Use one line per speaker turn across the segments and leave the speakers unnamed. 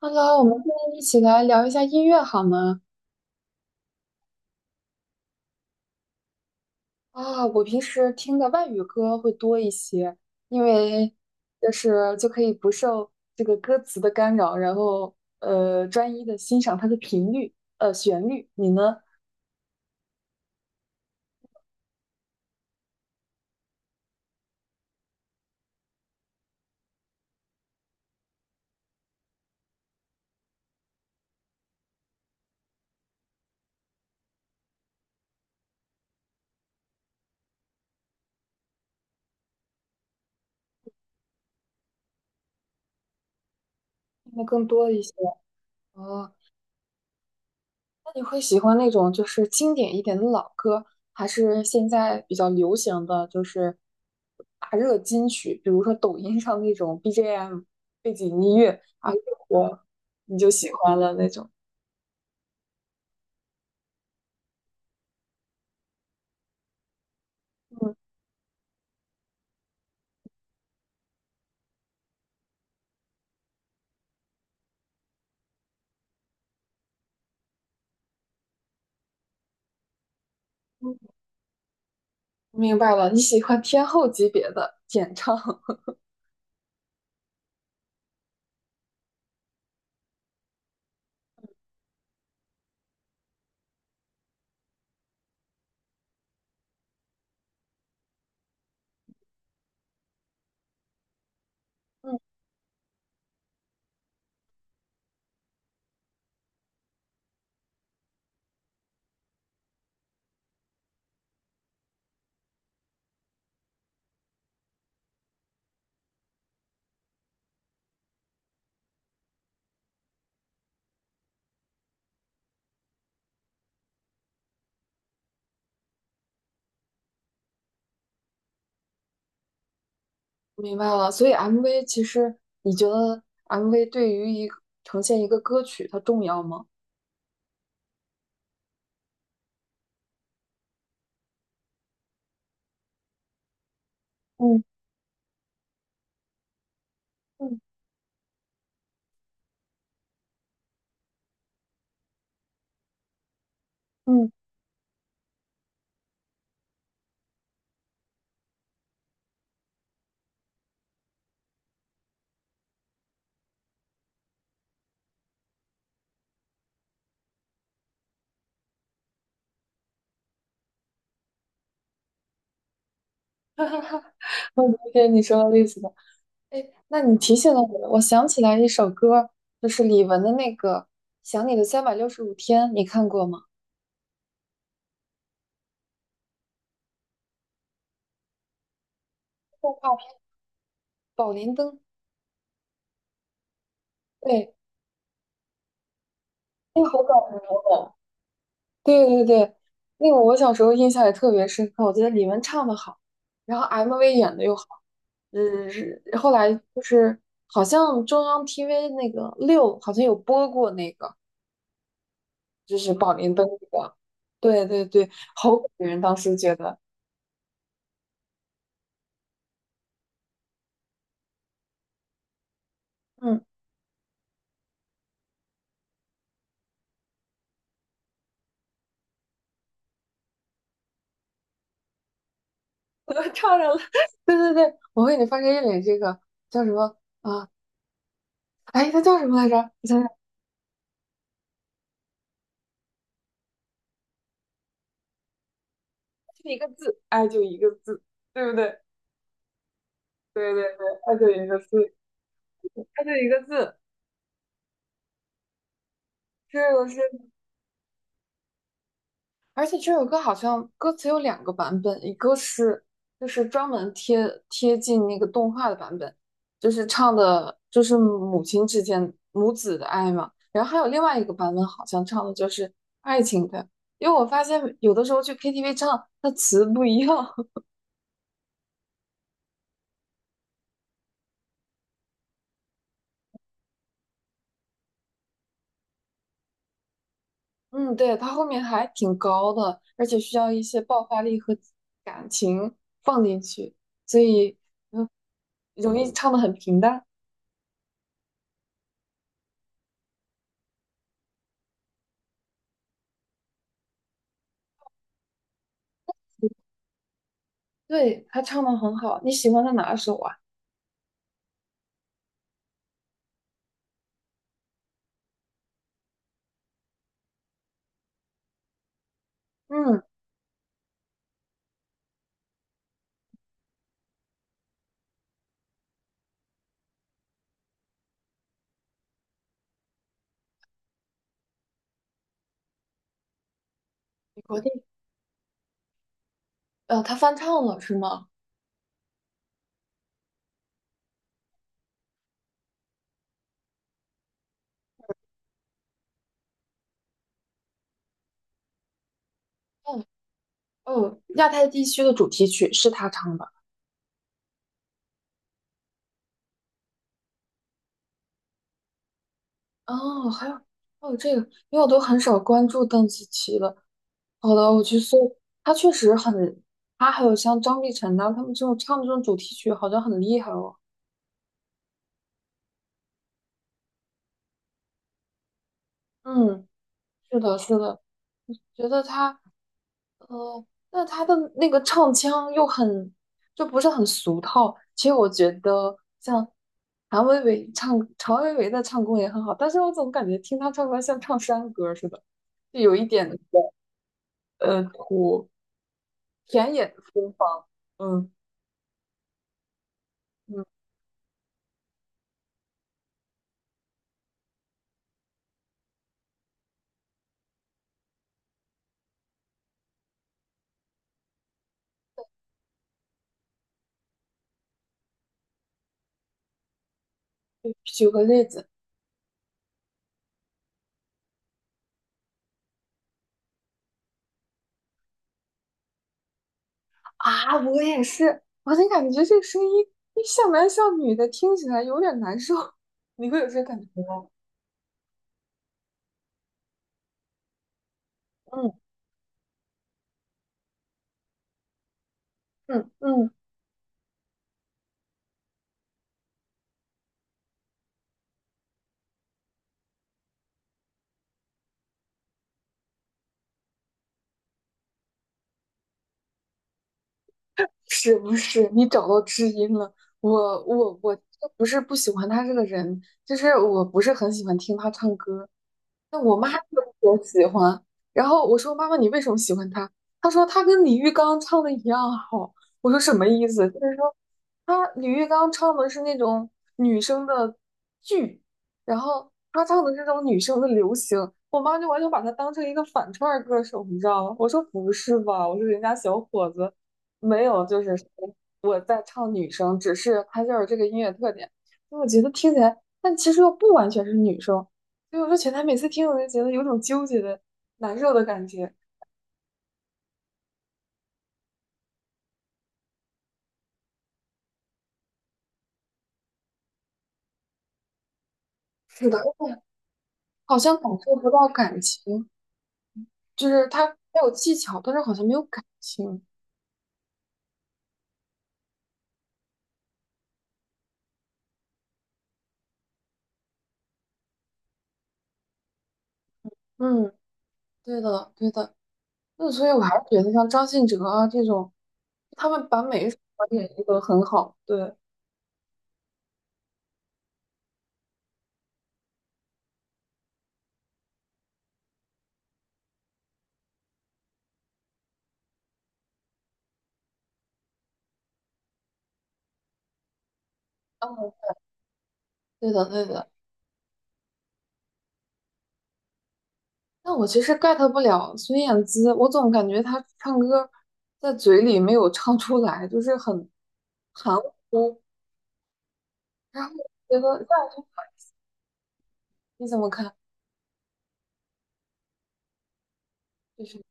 Hello，我们现在一起来聊一下音乐好吗？啊，我平时听的外语歌会多一些，因为就是可以不受这个歌词的干扰，然后专一的欣赏它的频率，旋律。你呢？听的更多一些。哦，那你会喜欢那种就是经典一点的老歌，还是现在比较流行的就是大热金曲，比如说抖音上那种 BGM 背景音乐啊，越火你就喜欢了那种？嗯，嗯明白了，你喜欢天后级别的演唱。嗯，明白了。所以 MV 其实你觉得 MV 对于一个呈现一个歌曲它重要吗？嗯嗯嗯，我理解你说的意思。哎，那你提醒了我，我想起来一首歌，就是李玟的那个《想你的三百六十五天》，你看过吗？动画片《宝莲灯》，对，那个好搞笑哦。对对对，那个我小时候印象也特别深刻，我觉得李玟唱的好，然后 MV 演的又好，嗯，是后来就是好像中央 TV 那个六好像有播过那个，就是《宝莲灯》那个，对对对，好感人，当时觉得。嗯。我又唱上了，对对对，我为你翻开一脸这个叫什么啊？哎，它叫什么来着？我想想，就一个字，爱就一个字，对不对？对对对，爱就一个字，爱就一个字，是的，是而且这首歌好像歌词有两个版本，一个是就是专门贴近那个动画的版本，就是唱的就是母亲之间母子的爱嘛。然后还有另外一个版本，好像唱的就是爱情的。因为我发现有的时候去 KTV 唱，它词不一样。嗯，对，它后面还挺高的，而且需要一些爆发力和感情放进去，所以嗯容易唱的很平淡。对，他唱的很好。你喜欢他哪首啊？嗯，美国地，他翻唱了是吗？哦哦，亚太地区的主题曲是他唱的。哦，还有这个，因为我都很少关注邓紫棋了。好的，我去搜。他确实很，他还有像张碧晨呐、他们这种唱这种主题曲，好像很厉害哦。嗯，是的，是的，觉得他哦，那他的那个唱腔又很，就不是很俗套。其实我觉得像谭维维唱，常维维的唱功也很好，但是我总感觉听他唱歌像唱山歌似的，就有一点土田野的风貌。嗯嗯，举个例子啊，我也是，我就感觉这个声音像男像女的，听起来有点难受。你会有这个感觉吗？嗯嗯嗯。是不是你找到知音了？我不是不喜欢他这个人，就是我不是很喜欢听他唱歌，那我妈特别喜欢。然后我说：“妈妈，你为什么喜欢他？”她说：“他跟李玉刚唱的一样好。”我说：“什么意思？”就是说，他李玉刚唱的是那种女生的剧，然后他唱的是那种女生的流行。我妈就完全把他当成一个反串儿歌手，你知道吗？我说：“不是吧？”我说：“人家小伙子没有，就是说我在唱女生，只是他就是这个音乐特点。”我觉得听起来，但其实又不完全是女生。所以我说前台每次听我就觉得有种纠结的、难受的感觉，是的，而且好像感受不到感情，就是他他有技巧，但是好像没有感情。嗯，对的，对的。那所以我还是觉得像张信哲啊这种，他们把每一首歌演绎得很好。对，嗯，对的，对的。但我其实 get 不了孙燕姿，我总感觉她唱歌在嘴里没有唱出来，就是很含糊。然后我觉得，那你怎么看？就是。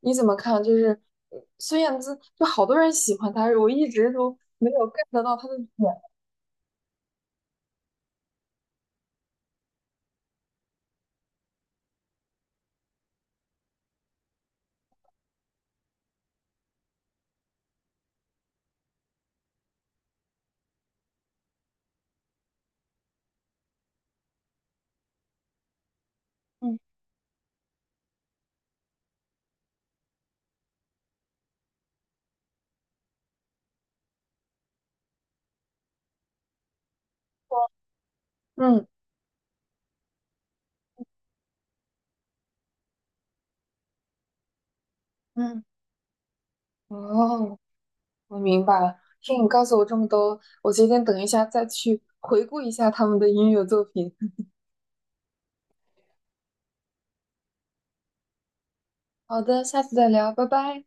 你怎么看？就是孙燕姿，就好多人喜欢她，我一直都没有 get 到她的点。嗯嗯，嗯，哦，我明白了。听你告诉我这么多，我决定等一下再去回顾一下他们的音乐作品。好的，下次再聊，拜拜。